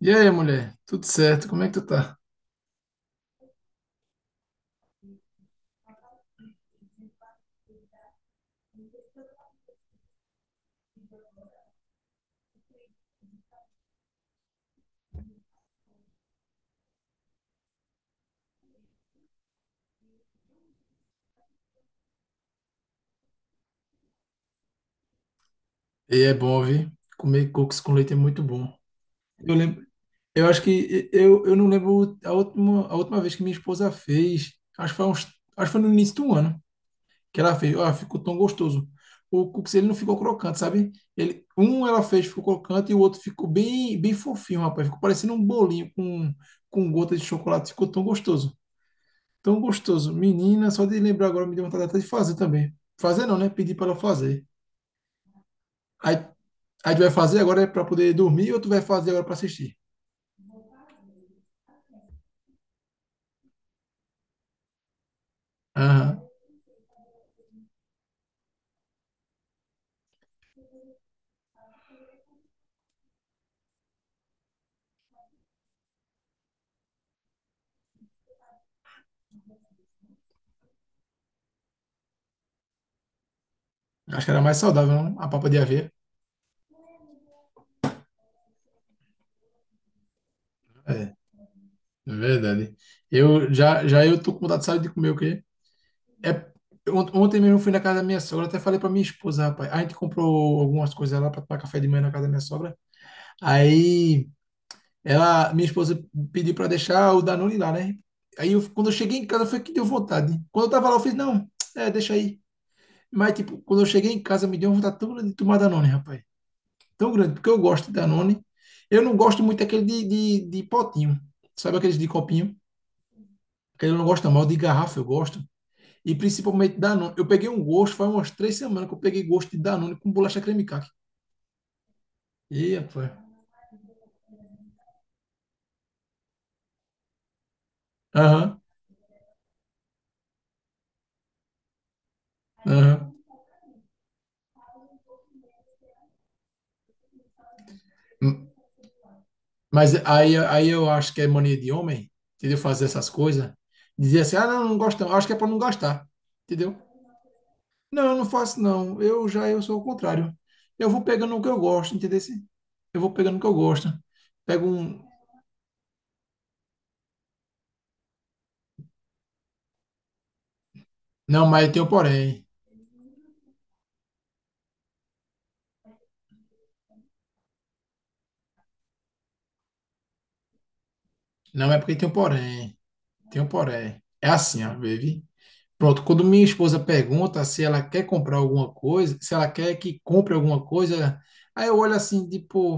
E aí, mulher? Tudo certo? Como é que tu tá? E é bom, viu? Comer cocos com leite é muito bom. Eu lembro, eu acho que eu não lembro a última vez que minha esposa fez. Acho que foi uns, acho que foi no início do ano que ela fez. Ah, ficou tão gostoso. O cookies ele não ficou crocante, sabe? Ele, um ela fez ficou crocante e o outro ficou bem, bem fofinho, rapaz. Ficou parecendo um bolinho com gota de chocolate. Ficou tão gostoso, tão gostoso. Menina, só de lembrar agora me deu vontade até de fazer também. Fazer não, né? Pedir para ela fazer. Aí Aí tu vai fazer agora para poder dormir ou tu vai fazer agora para assistir? Aham. Acho que era mais saudável, não? A papa de aveia. É verdade. Eu já, já eu tô com vontade, sabe, de comer o quê? É, ontem mesmo eu fui na casa da minha sogra, até falei pra minha esposa, rapaz. A gente comprou algumas coisas lá para tomar café de manhã na casa da minha sogra. Aí ela, minha esposa pediu para deixar o Danone lá, né? Aí eu, quando eu cheguei em casa foi que deu vontade. Quando eu tava lá, eu fiz, não, é, deixa aí. Mas, tipo, quando eu cheguei em casa, me deu uma vontade tão grande de tomar Danone, rapaz. Tão grande, porque eu gosto de Danone. Eu não gosto muito daquele de potinho, sabe aqueles de copinho? Aquele eu não gosto, mal de garrafa, eu gosto. E principalmente Danone. Eu peguei um gosto, faz umas 3 semanas que eu peguei gosto de Danone com bolacha creme caqui. Ih, rapaz. Aham, aham. Hum, Mas aí eu acho que é mania de homem, entendeu? Fazer essas coisas. Dizer assim, ah, não, não gosto não. Acho que é para não gastar, entendeu? Não, eu não faço não. Eu já eu sou o contrário. Eu vou pegando o que eu gosto, entendeu? Eu vou pegando o que eu gosto. Pego um. Não, mas tem um porém. Não é porque tem um porém. Tem um porém. É assim, ó, baby. Pronto, quando minha esposa pergunta se ela quer comprar alguma coisa, se ela quer que compre alguma coisa, aí eu olho assim, tipo,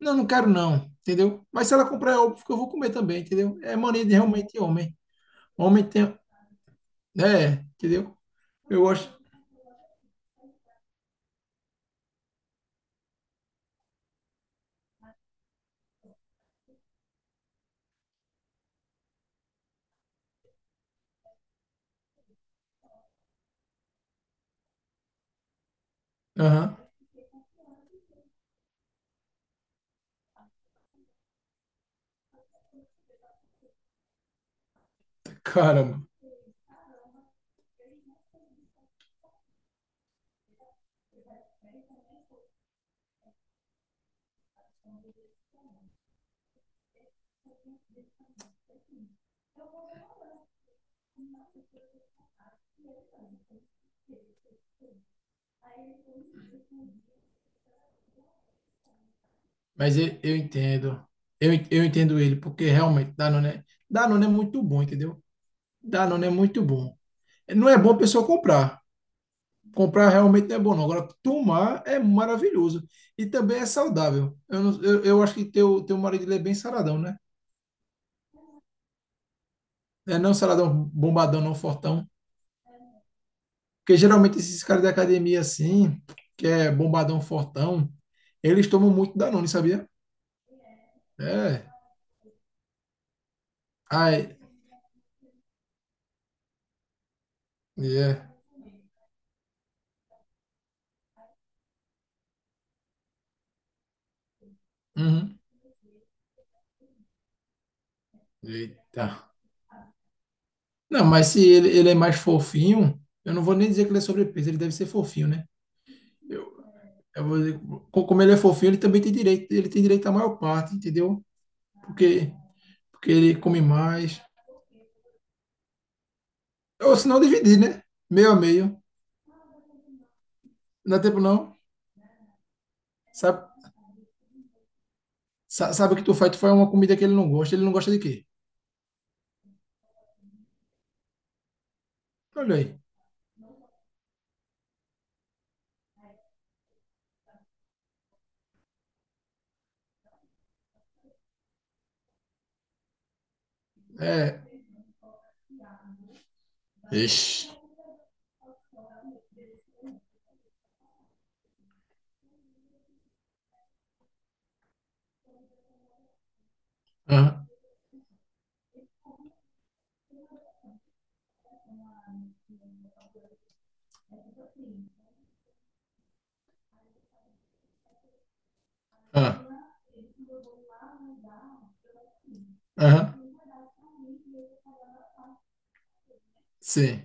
não, não quero não, entendeu? Mas se ela comprar, é óbvio que eu vou comer também, entendeu? É mania de realmente homem. Homem tem. É, entendeu? Eu acho. Aham. Caramba. Mas eu entendo. Eu entendo ele, porque realmente Danone, Danone é muito bom, entendeu? Danone é muito bom. Não é bom a pessoa comprar. Comprar realmente não é bom, não. Agora, tomar é maravilhoso. E também é saudável. Eu, não- eu acho que teu marido ele é bem saradão, né? É não saradão bombadão, não fortão. Porque geralmente esses caras da academia assim, que é bombadão fortão, eles tomam muito Danone, sabia? É. Ai, é. Uhum. Eita. Não, mas se ele, ele é mais fofinho, eu não vou nem dizer que ele é sobrepeso, ele deve ser fofinho, né? Eu, eu vou dizer, como ele é fofinho, ele também tem direito, ele tem direito à maior parte, entendeu? Porque, porque ele come mais. Ou se não, dividir, né? Meio a meio. Não dá tempo não. Sabe, sabe o que tu faz? Tu faz uma comida que ele não gosta. Ele não gosta de quê? Olha aí. É. Ixi. Aham, aham, aham. Sim.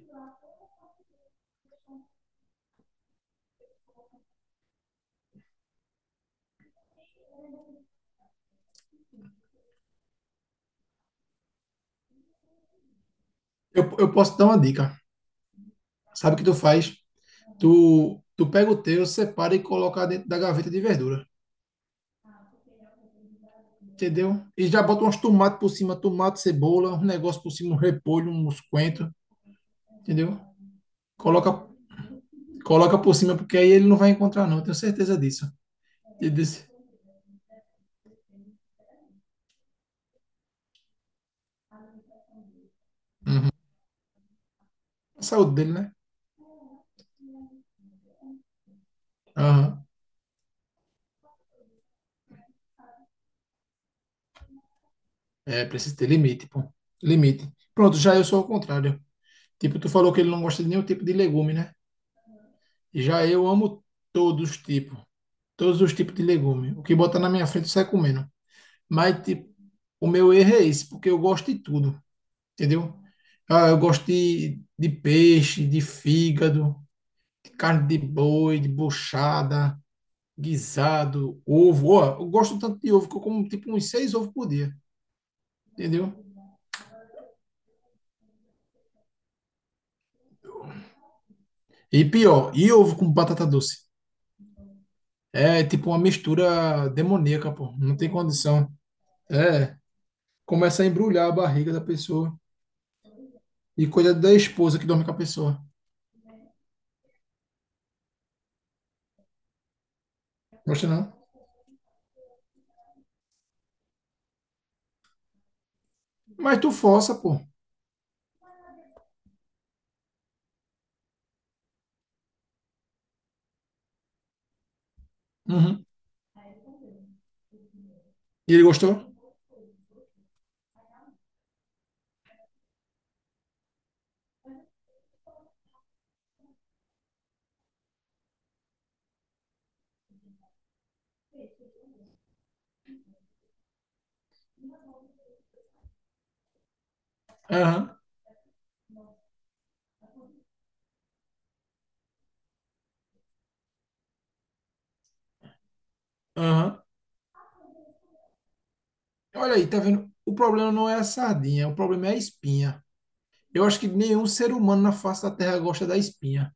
Eu posso dar uma dica. Sabe o que tu faz? Tu pega o teu, separa e coloca dentro da gaveta de verdura. Entendeu? E já bota uns tomates por cima, tomate, cebola, um negócio por cima, um repolho, uns coentros, entendeu? Coloca, coloca por cima, porque aí ele não vai encontrar, não, eu tenho certeza disso. Ele disse, a saúde dele, né? Aham. É, precisa ter limite, pô. Limite. Pronto, já eu sou ao contrário. Tipo, tu falou que ele não gosta de nenhum tipo de legume, né? Já eu amo todos os tipos. Todos os tipos de legume. O que botar na minha frente, eu saio comendo. Mas, tipo, o meu erro é esse, porque eu gosto de tudo. Entendeu? Ah, eu gosto de peixe, de fígado, de carne de boi, de buchada, guisado, ovo. Ó, eu gosto tanto de ovo que eu como tipo uns 6 ovos por dia, entendeu? E pior, e ovo com batata doce? É tipo uma mistura demoníaca, pô. Não tem condição. É, começa a embrulhar a barriga da pessoa. E coisa da esposa que dorme com a pessoa. Gosta não? Mas tu força, pô. Uhum. E ele gostou? Aham, aham. Olha aí, tá vendo? O problema não é a sardinha, o problema é a espinha. Eu acho que nenhum ser humano na face da Terra gosta da espinha,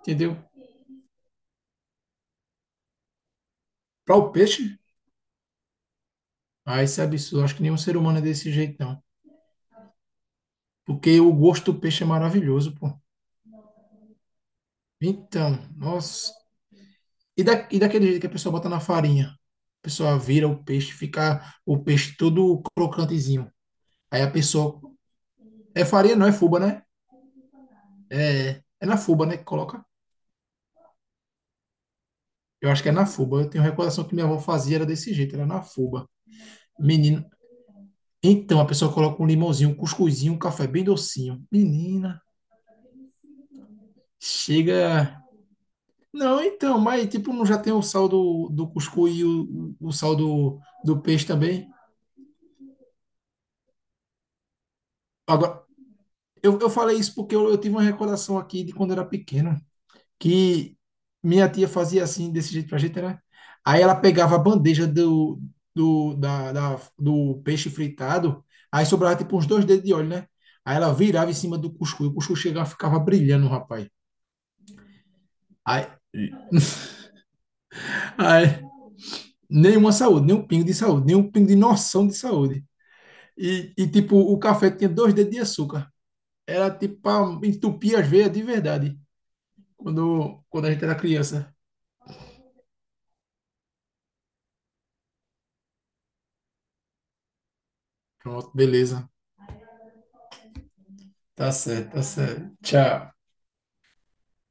entendeu? Para o peixe, ah, isso é absurdo. Acho que nenhum ser humano é desse jeito, não. Porque o gosto do peixe é maravilhoso, pô. Então, nossa. E daquele jeito que a pessoa bota na farinha? A pessoa vira o peixe, fica o peixe todo crocantezinho. Aí a pessoa. É farinha, não é fuba, né? É, é na fuba, né? Que coloca. Eu acho que é na fuba. Eu tenho recordação que minha avó fazia era desse jeito, era na fuba. Menino, então, a pessoa coloca um limãozinho, um cuscuzinho, um café bem docinho. Menina, chega. Não, então, mas tipo, não já tem o sal do, do cuscuz e o sal do, do peixe também? Agora, eu falei isso porque eu tive uma recordação aqui de quando eu era pequeno, que minha tia fazia assim, desse jeito pra gente, né? Aí ela pegava a bandeja do, do peixe fritado, aí sobrava tipo uns dois dedos de óleo, né? Aí ela virava em cima do cuscuz, o cuscuz chegava, ficava brilhando, rapaz. Aí, ai, nenhuma saúde, nem um pingo de saúde, nem um pingo de noção de saúde. E tipo, o café tinha dois dedos de açúcar. Era tipo pra entupir as veias de verdade. Quando, quando a gente era criança. Pronto, beleza. Tá certo, tá certo. Tchau.